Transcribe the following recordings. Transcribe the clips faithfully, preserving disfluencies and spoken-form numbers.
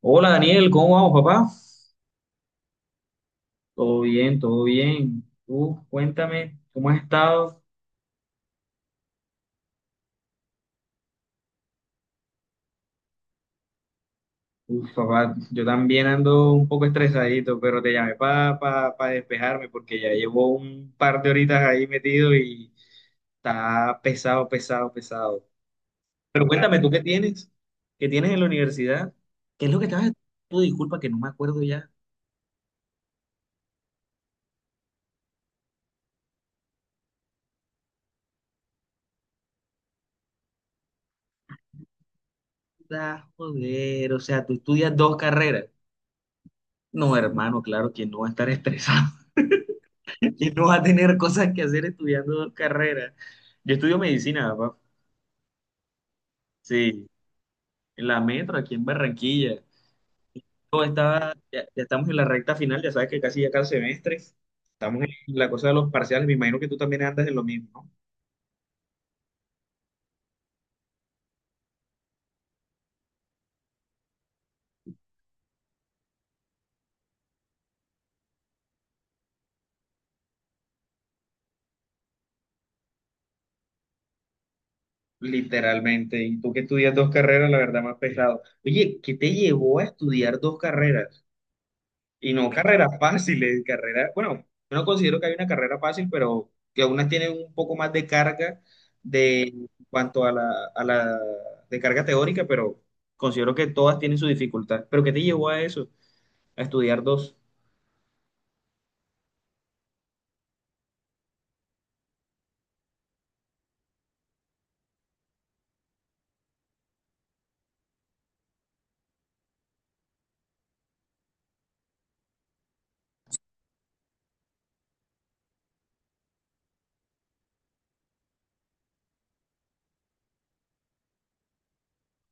Hola Daniel, ¿cómo vamos, papá? Todo bien, todo bien. Tú, cuéntame, ¿cómo has estado? Uf, papá, yo también ando un poco estresadito, pero te llamé para despejarme porque ya llevo un par de horitas ahí metido y está pesado, pesado, pesado. Pero cuéntame, ¿tú qué tienes? ¿Qué tienes en la universidad? ¿Qué es lo que estabas estudiando? Tú, Disculpa que no me acuerdo ya. Ah, joder, o sea, tú estudias dos carreras. No, hermano, claro, ¿quién no va a estar estresado? ¿Quién no va a tener cosas que hacer estudiando dos carreras? Yo estudio medicina, papá. Sí, en la metro, aquí en Barranquilla. Yo estaba, ya, ya estamos en la recta final, ya sabes que casi ya cada semestre. Estamos en la cosa de los parciales. Me imagino que tú también andas en lo mismo, ¿no? Literalmente. Y tú que estudias dos carreras, la verdad, más pesado. Oye, ¿qué te llevó a estudiar dos carreras? Y no carreras fáciles, carreras, bueno, yo no considero que hay una carrera fácil, pero que algunas tienen un poco más de carga de en cuanto a la, a la de carga teórica, pero considero que todas tienen su dificultad. ¿Pero qué te llevó a eso? A estudiar dos.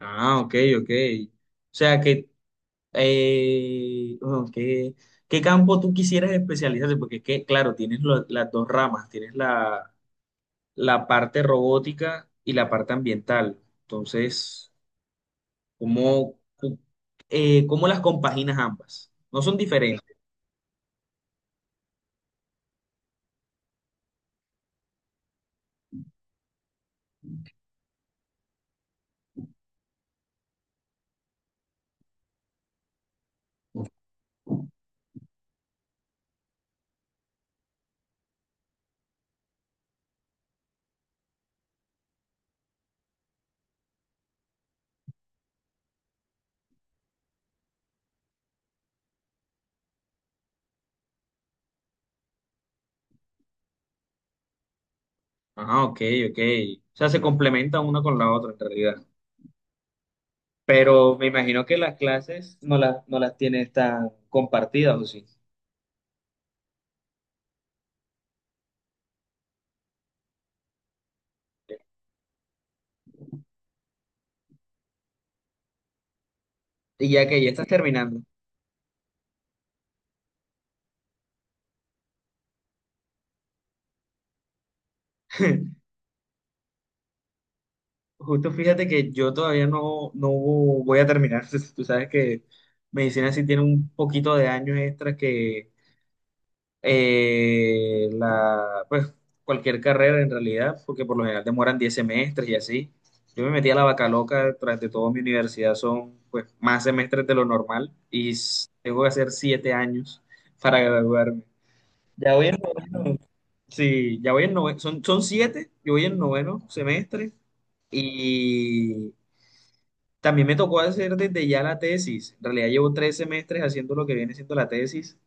Ah, ok, ok. O sea que, eh, bueno, ¿qué, qué, campo tú quisieras especializarte? Porque es que, claro, tienes lo- las dos ramas, tienes la, la parte robótica y la parte ambiental. Entonces. ¿Cómo, cu- eh, cómo las compaginas ambas? No son diferentes. Ah, ok, ok. O sea, se complementan una con la otra en realidad. Pero me imagino que las clases no las, no las tienes tan compartidas, ¿o sí? Y ya que ya estás terminando. Justo fíjate que yo todavía no, no voy a terminar. Tú sabes que medicina sí tiene un poquito de años extras que eh, la, pues cualquier carrera en realidad, porque por lo general demoran diez semestres y así. Yo me metí a la vaca loca, tras de todo mi universidad son pues más semestres de lo normal y s- tengo que hacer siete años para graduarme. Ya voy en, sí, ya voy en noveno, son, son siete yo voy en noveno semestre y también me tocó hacer desde ya la tesis. En realidad llevo tres semestres haciendo lo que viene siendo la tesis.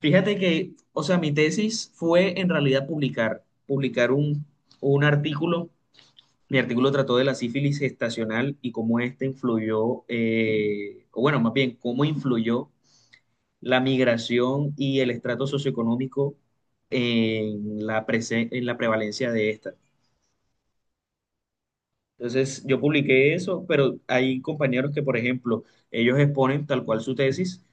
Fíjate que, o sea, mi tesis fue en realidad publicar, publicar un, un artículo. Mi artículo trató de la sífilis gestacional y cómo ésta influyó, eh, o bueno, más bien, cómo influyó la migración y el estrato socioeconómico en la, prese- en la prevalencia de esta. Entonces yo publiqué eso, pero hay compañeros que, por ejemplo, ellos exponen tal cual su tesis,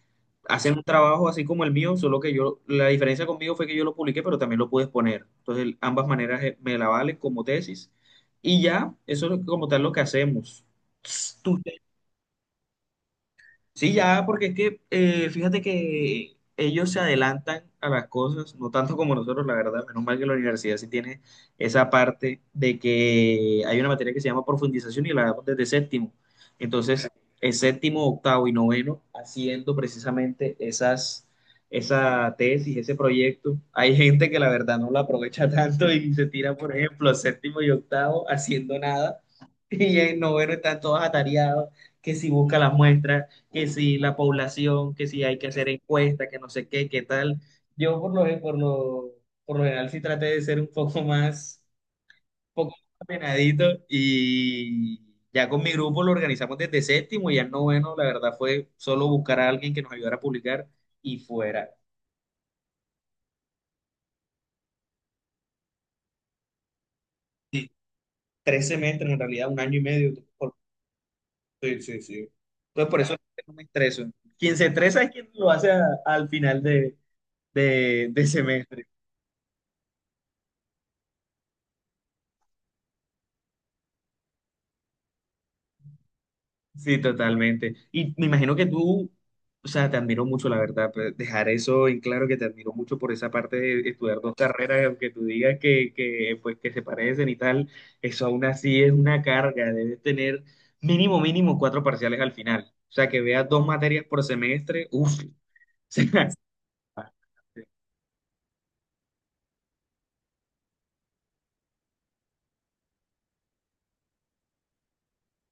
hacen un trabajo así como el mío, solo que yo, la diferencia conmigo fue que yo lo publiqué, pero también lo pude exponer. Entonces el- ambas maneras eh, me la valen como tesis y ya, eso es lo- como tal lo que hacemos. Sí, ya, porque es que eh, fíjate que ellos se adelantan a las cosas, no tanto como nosotros, la verdad. Menos mal que la universidad sí tiene esa parte de que hay una materia que se llama profundización y la damos desde séptimo. Entonces, el séptimo, octavo y noveno, haciendo precisamente esas, esa tesis, ese proyecto. Hay gente que la verdad no la aprovecha tanto y se tira, por ejemplo, séptimo y octavo haciendo nada. Y en noveno están todos atareados, que si busca las muestras que si la población, que si hay que hacer encuestas, que no sé qué, qué tal. Yo por lo, por lo, por lo general sí traté de ser un poco más, un poco más ordenadito y ya con mi grupo lo organizamos desde séptimo y ya no noveno, la verdad fue solo buscar a alguien que nos ayudara a publicar y fuera. Y tres semestres, en realidad un año y medio. por- sí, sí, sí. Entonces por eso no me estreso. Quien se estresa es quien lo hace a- al final de, de de semestre. Sí, totalmente. Y me imagino que tú, o sea, te admiro mucho, la verdad, pues, dejar eso en claro que te admiro mucho por esa parte de estudiar dos carreras, aunque tú digas que, que, pues, que se parecen y tal, eso aún así es una carga. Debes tener mínimo, mínimo cuatro parciales al final. O sea, que veas dos materias por semestre, uff. O sea,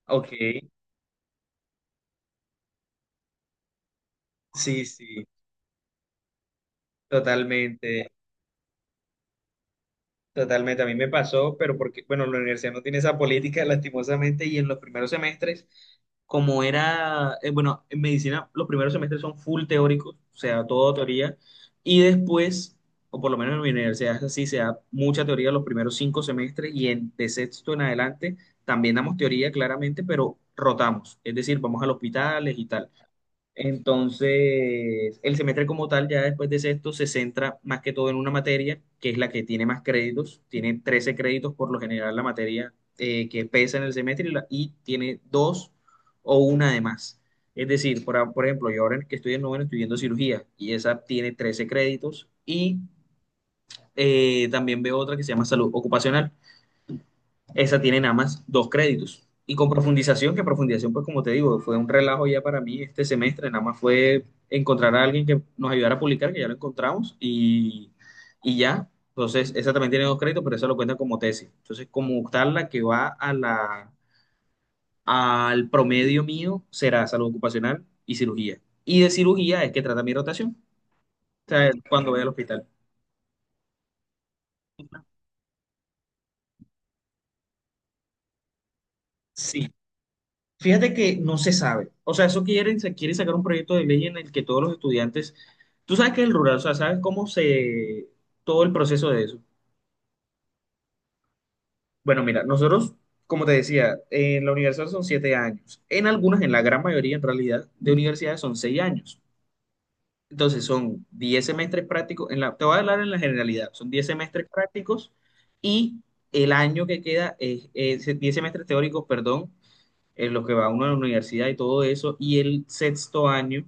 ok, sí, sí, totalmente. Totalmente, a mí me pasó, pero porque, bueno, la universidad no tiene esa política, lastimosamente, y en los primeros semestres, como era, eh, bueno, en medicina los primeros semestres son full teóricos, o sea, todo teoría, y después, o por lo menos en mi universidad es así, se da mucha teoría los primeros cinco semestres, y en, de sexto en adelante también damos teoría, claramente, pero rotamos, es decir, vamos a los hospitales y tal. Entonces, el semestre como tal, ya después de sexto, se centra más que todo en una materia, que es la que tiene más créditos. Tiene trece créditos por lo general la materia eh, que pesa en el semestre y, la- y tiene dos o una de más. Es decir, por, a- por ejemplo, yo ahora que estoy en noveno estoy viendo cirugía y esa tiene trece créditos y eh, también veo otra que se llama salud ocupacional, esa tiene nada más dos créditos. Y con profundización, que profundización, pues como te digo, fue un relajo ya para mí este semestre, nada más fue encontrar a alguien que nos ayudara a publicar, que ya lo encontramos, y, y ya. Entonces, esa también tiene dos créditos, pero esa lo cuenta como tesis. Entonces, como tal, la que va a la, al promedio mío será salud ocupacional y cirugía. Y de cirugía es que trata mi rotación, o sea, cuando voy al hospital. Sí, fíjate que no se sabe. O sea, eso quieren, se quiere sacar un proyecto de ley en el que todos los estudiantes, tú sabes que el rural, o sea, sabes cómo se, todo el proceso de eso. Bueno, mira, nosotros, como te decía, en la universidad son siete años. En algunas, en la gran mayoría, en realidad, de universidades son seis años. Entonces, son diez semestres prácticos. En la, te voy a hablar en la generalidad. Son diez semestres prácticos y el año que queda es, es diez semestres teóricos, perdón, en los que va uno a la universidad y todo eso. Y el sexto año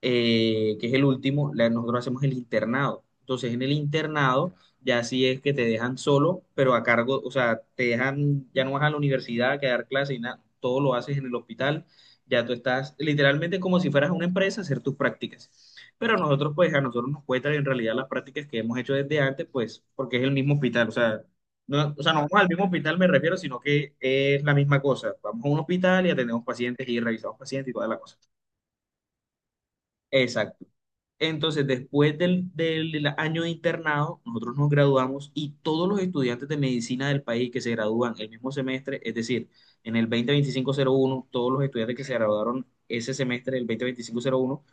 eh, que es el último, la- nosotros hacemos el internado. Entonces, en el internado ya sí es que te dejan solo, pero a cargo, o sea, te dejan, ya no vas a la universidad que a dar clases y nada, todo lo haces en el hospital, ya tú estás literalmente como si fueras a una empresa a hacer tus prácticas. Pero nosotros, pues, a nosotros nos cuentan en realidad las prácticas que hemos hecho desde antes, pues, porque es el mismo hospital, o sea, no, o sea, no vamos al mismo hospital, me refiero, sino que es la misma cosa. Vamos a un hospital y atendemos pacientes y revisamos pacientes y toda la cosa. Exacto. Entonces, después del, del año de internado, nosotros nos graduamos y todos los estudiantes de medicina del país que se gradúan el mismo semestre, es decir, en el dos mil veinticinco-cero uno, todos los estudiantes que se graduaron ese semestre, el dos mil veinticinco-cero uno,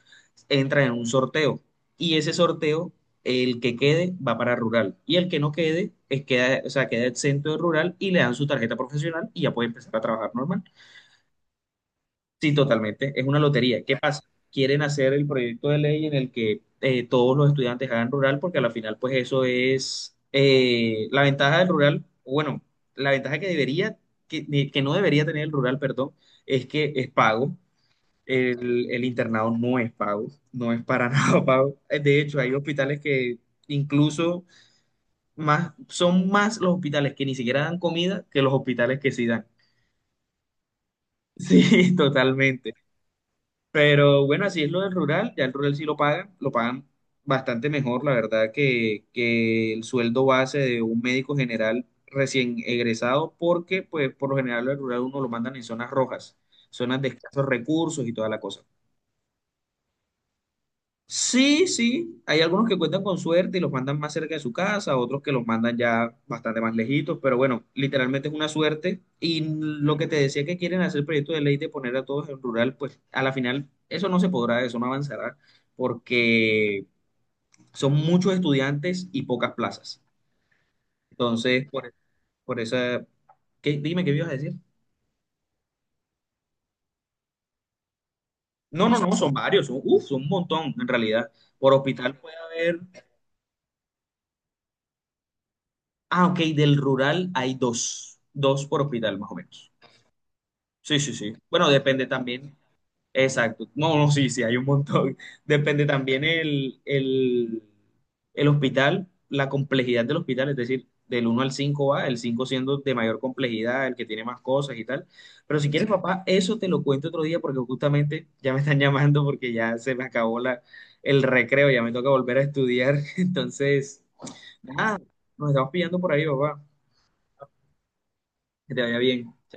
entran en un sorteo. Y ese sorteo, el que quede, va para rural. Y el que no quede, es queda, o sea, queda exento de rural y le dan su tarjeta profesional y ya puede empezar a trabajar normal. Sí, totalmente. Es una lotería. ¿Qué pasa? Quieren hacer el proyecto de ley en el que eh, todos los estudiantes hagan rural, porque a la final, pues eso es eh, la ventaja del rural, bueno, la ventaja que debería, que, de- que no debería tener el rural, perdón, es que es pago. El, el internado no es pago, no es para nada pago. Eh, De hecho, hay hospitales que incluso más, son más los hospitales que ni siquiera dan comida que los hospitales que sí dan. Sí, totalmente. Pero bueno, así es lo del rural, ya el rural sí lo pagan, lo pagan bastante mejor, la verdad, que, que el sueldo base de un médico general recién egresado, porque pues por lo general el rural uno lo mandan en zonas rojas, zonas de escasos recursos y toda la cosa. Sí, sí, hay algunos que cuentan con suerte y los mandan más cerca de su casa, otros que los mandan ya bastante más lejitos, pero bueno, literalmente es una suerte. Y lo que te decía que quieren hacer el proyecto de ley de poner a todos en rural, pues a la final eso no se podrá, eso no avanzará, porque son muchos estudiantes y pocas plazas. Entonces, por, e, por esa. ¿Qué? Dime, ¿qué me ibas a decir? No, no, no, son varios, son, uf, son un montón en realidad. Por hospital puede haber. Ah, ok, del rural hay dos, dos por hospital más o menos. Sí, sí, sí. Bueno, depende también. Exacto. No, no, sí, sí, hay un montón. Depende también el, el, el hospital, la complejidad del hospital, es decir, del uno al cinco va, el cinco siendo de mayor complejidad, el que tiene más cosas y tal. Pero si quieres, Sí. papá, eso te lo cuento otro día porque justamente ya me están llamando porque ya se me acabó la, el recreo, ya me toca volver a estudiar. Entonces, nada, nos estamos pillando por ahí, papá. Que te vaya bien.